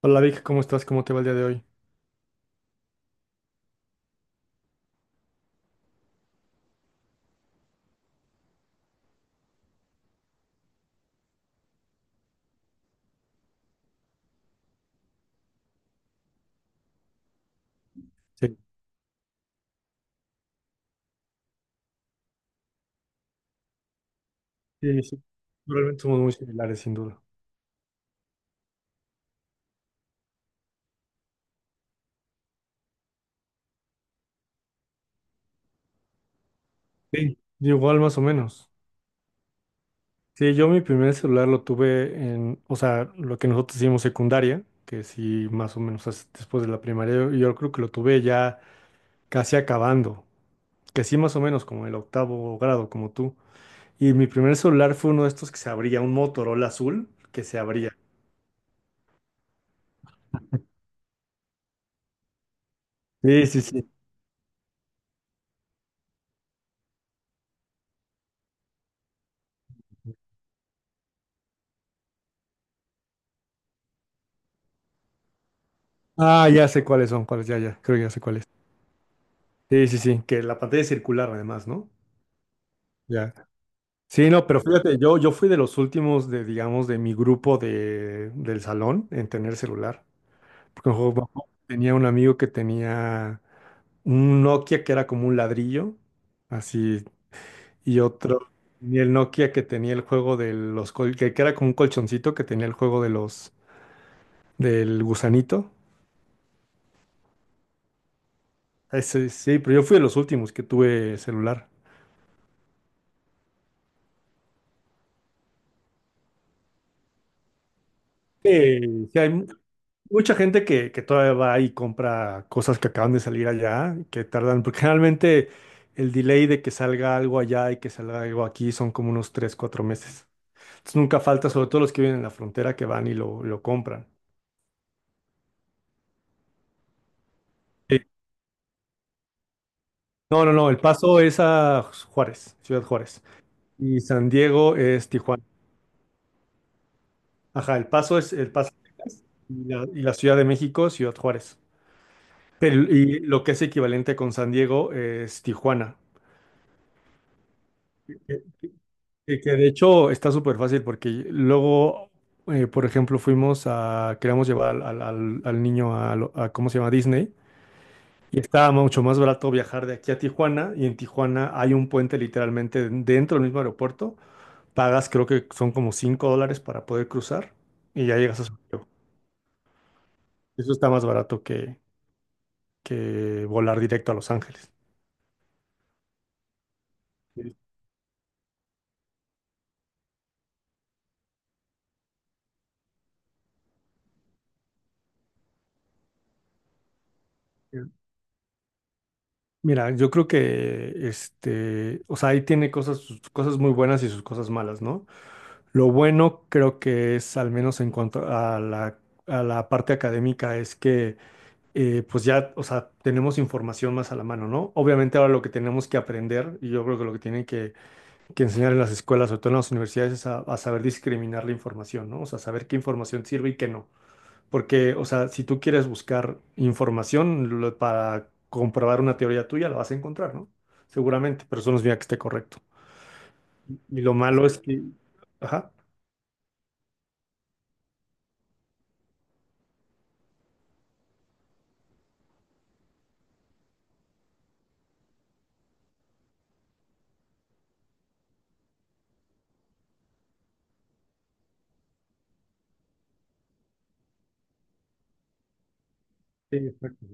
Hola Vic, ¿cómo estás? ¿Cómo te va el día de hoy? Sí, sí, sí. Realmente somos muy similares, sin duda. Sí. Igual más o menos. Sí, yo mi primer celular lo tuve en, o sea, lo que nosotros hicimos secundaria, que sí, más o menos después de la primaria, yo creo que lo tuve ya casi acabando, que sí, más o menos como el octavo grado, como tú. Y mi primer celular fue uno de estos que se abría, un Motorola azul que se abría. Sí, sí, sí. Ah, ya sé cuáles son, cuáles, ya, ya, creo que ya sé cuáles. Sí, sí, sí, que la pantalla es circular además, ¿no? Ya. Sí, no, pero fíjate, yo fui de los últimos de, digamos, de mi grupo de, del salón en tener celular. Porque me acuerdo, tenía un amigo que tenía un Nokia que era como un ladrillo, así, y otro, y el Nokia que tenía el juego de los, que era como un colchoncito que tenía el juego de los, del gusanito. Ese, sí, pero yo fui de los últimos que tuve celular. Sí, sí, hay mucha gente que todavía va y compra cosas que acaban de salir allá, que tardan, porque generalmente el delay de que salga algo allá y que salga algo aquí son como unos 3 4 meses. Entonces nunca falta, sobre todo los que viven en la frontera, que van y lo compran. Sí. No, no, no, El Paso es a Juárez, Ciudad Juárez. Y San Diego es Tijuana. Ajá, El Paso es El Paso, Texas, y la Ciudad de México, Ciudad Juárez. Pero, y lo que es equivalente con San Diego es Tijuana. Y que de hecho está súper fácil porque luego, por ejemplo, fuimos a, queríamos llevar al, al niño a, a, ¿cómo se llama? Disney. Y estaba mucho más barato viajar de aquí a Tijuana. Y en Tijuana hay un puente literalmente dentro del mismo aeropuerto. Pagas, creo que son como 5 dólares para poder cruzar. Y ya llegas a San Diego. Eso está más barato que volar directo a Los Ángeles. Sí. Mira, yo creo que este, o sea, ahí tiene cosas, sus cosas muy buenas y sus cosas malas, ¿no? Lo bueno creo que es, al menos en cuanto a la parte académica, es que pues ya, o sea, tenemos información más a la mano, ¿no? Obviamente ahora lo que tenemos que aprender, y yo creo que lo que tienen que enseñar en las escuelas, sobre todo en las universidades, es a saber discriminar la información, ¿no? O sea, saber qué información sirve y qué no. Porque, o sea, si tú quieres buscar información para comprobar una teoría tuya, la vas a encontrar, ¿no? Seguramente, pero eso no significa que esté correcto. Y lo malo es que... Ajá. Sí, exacto.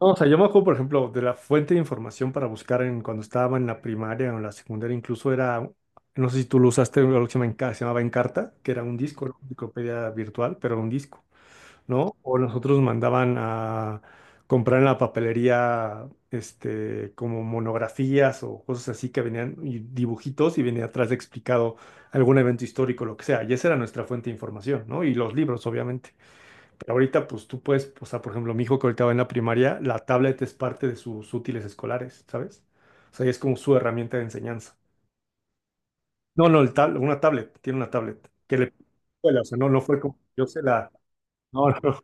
No, o sea, yo me acuerdo, por ejemplo, de la fuente de información para buscar en, cuando estaba en la primaria o en la secundaria, incluso era, no sé si tú lo usaste, algo que se llama se llamaba Encarta, que era un disco, era una enciclopedia virtual, pero un disco, ¿no? O nosotros mandaban a comprar en la papelería, este, como monografías o cosas así que venían, y dibujitos, y venía atrás explicado algún evento histórico, lo que sea, y esa era nuestra fuente de información, ¿no? Y los libros, obviamente. Pero ahorita, pues tú puedes, o sea, por ejemplo, mi hijo que ahorita va en la primaria, la tablet es parte de sus útiles escolares, ¿sabes? O sea, y es como su herramienta de enseñanza. No, no, el una tablet, tiene una tablet que le escuela, o sea, no, no fue como yo se la, no, no,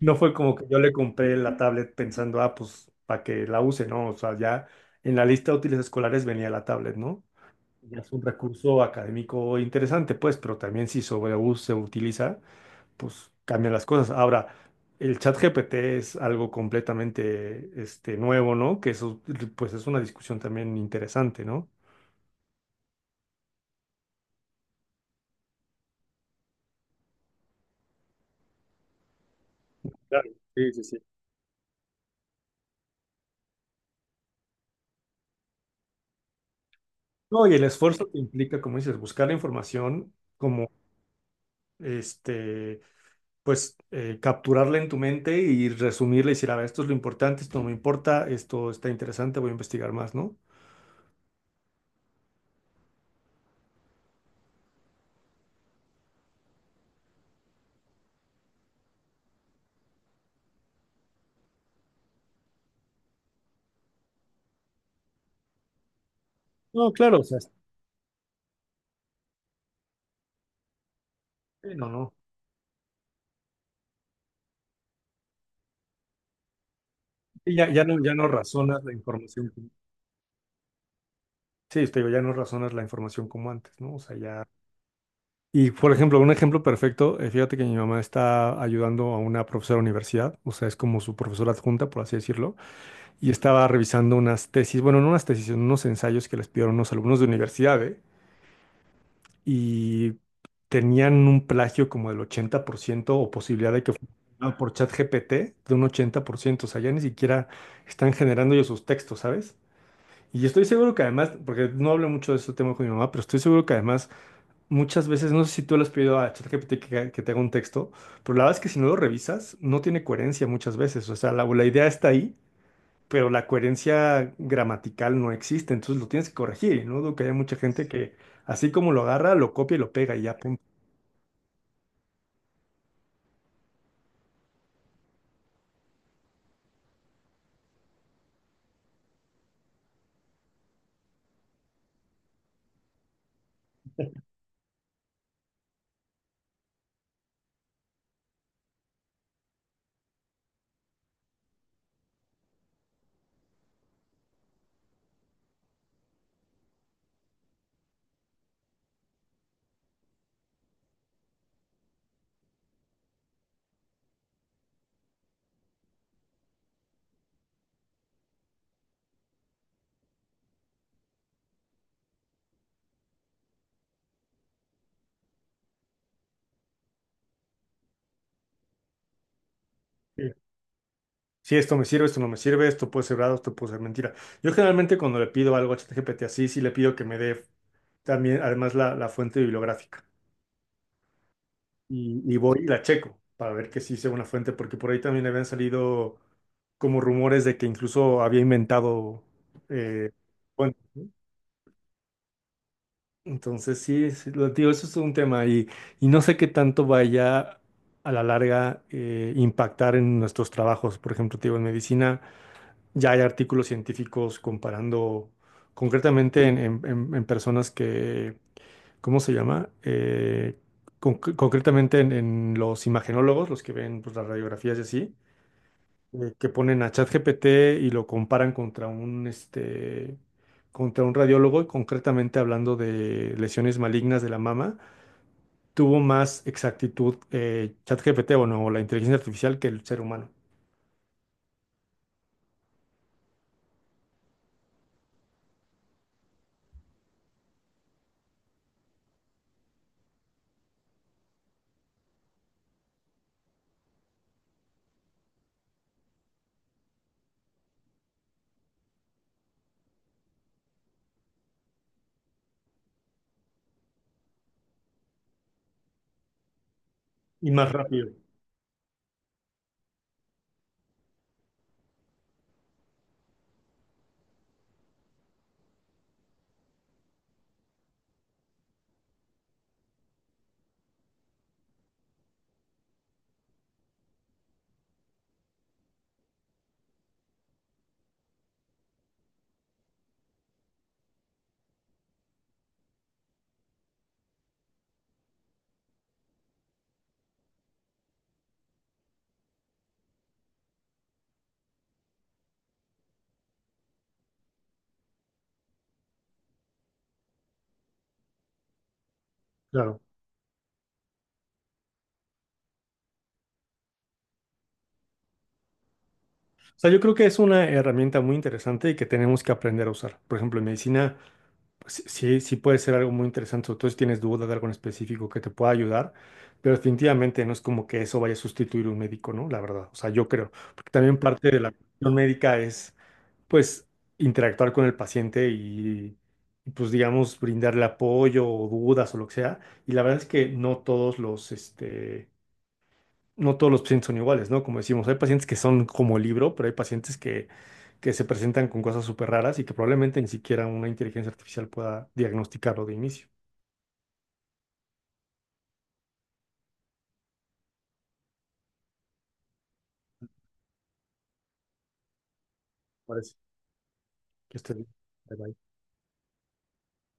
no fue como que yo le compré la tablet pensando, ah, pues para que la use, ¿no? O sea, ya en la lista de útiles escolares venía la tablet, ¿no? Ya es un recurso académico interesante, pues, pero también si sobre se utiliza, pues cambian las cosas. Ahora, el chat GPT es algo completamente este, nuevo, ¿no? Que eso, pues es una discusión también interesante, ¿no? Claro, sí, sí, sí. No, y el esfuerzo que implica, como dices, buscar la información, como este, pues capturarla en tu mente y resumirla y decir, a ver, esto es lo importante, esto no me importa, esto está interesante, voy a investigar más, ¿no? No, claro, o sea, sí, no, no. Y ya no razonas la información. Sí, te digo, ya no razonas la información como antes, ¿no? O sea, ya. Y, por ejemplo, un ejemplo perfecto, fíjate que mi mamá está ayudando a una profesora de universidad, o sea, es como su profesora adjunta, por así decirlo, y estaba revisando unas tesis, bueno, no unas tesis, sino unos ensayos que les pidieron unos alumnos de universidad, ¿eh? Y tenían un plagio como del 80% o posibilidad de que fuera por ChatGPT de un 80%, o sea, ya ni siquiera están generando ellos sus textos, ¿sabes? Y estoy seguro que además, porque no hablo mucho de este tema con mi mamá, pero estoy seguro que además muchas veces, no sé si tú le has pedido a ChatGPT que te haga un texto, pero la verdad es que si no lo revisas, no tiene coherencia muchas veces. O sea, la idea está ahí, pero la coherencia gramatical no existe, entonces lo tienes que corregir. Y no dudo que haya mucha gente que, así como lo agarra, lo copia y lo pega y ya, punto. Sí, sí, esto me sirve, esto no me sirve, esto puede ser verdad, esto puede ser mentira. Yo generalmente cuando le pido algo a ChatGPT así, sí le pido que me dé también, además, la fuente bibliográfica. Y voy y la checo para ver que sí sea una fuente, porque por ahí también habían salido como rumores de que incluso había inventado, eh, bueno, entonces sí, sí, lo digo, eso es un tema y no sé qué tanto vaya a la larga impactar en nuestros trabajos. Por ejemplo, te digo, en medicina ya hay artículos científicos comparando concretamente en, en personas que, ¿cómo se llama? Concretamente en los imagenólogos, los que ven pues, las radiografías y así que ponen a ChatGPT y lo comparan contra un, este, contra un radiólogo, y concretamente hablando de lesiones malignas de la mama, tuvo más exactitud ChatGPT, bueno, o la inteligencia artificial que el ser humano. Y más rápido, claro. O sea, yo creo que es una herramienta muy interesante y que tenemos que aprender a usar. Por ejemplo, en medicina sí, sí sí puede ser algo muy interesante, sobre todo si tienes duda de algo en específico que te pueda ayudar, pero definitivamente no es como que eso vaya a sustituir un médico, ¿no? La verdad, o sea, yo creo, porque también parte de la cuestión médica es, pues, interactuar con el paciente y, pues, digamos, brindarle apoyo o dudas o lo que sea, y la verdad es que no todos los, este, no todos los pacientes son iguales, ¿no? Como decimos, hay pacientes que son como libro, pero hay pacientes que se presentan con cosas súper raras y que probablemente ni siquiera una inteligencia artificial pueda diagnosticarlo de inicio. Parece que estoy-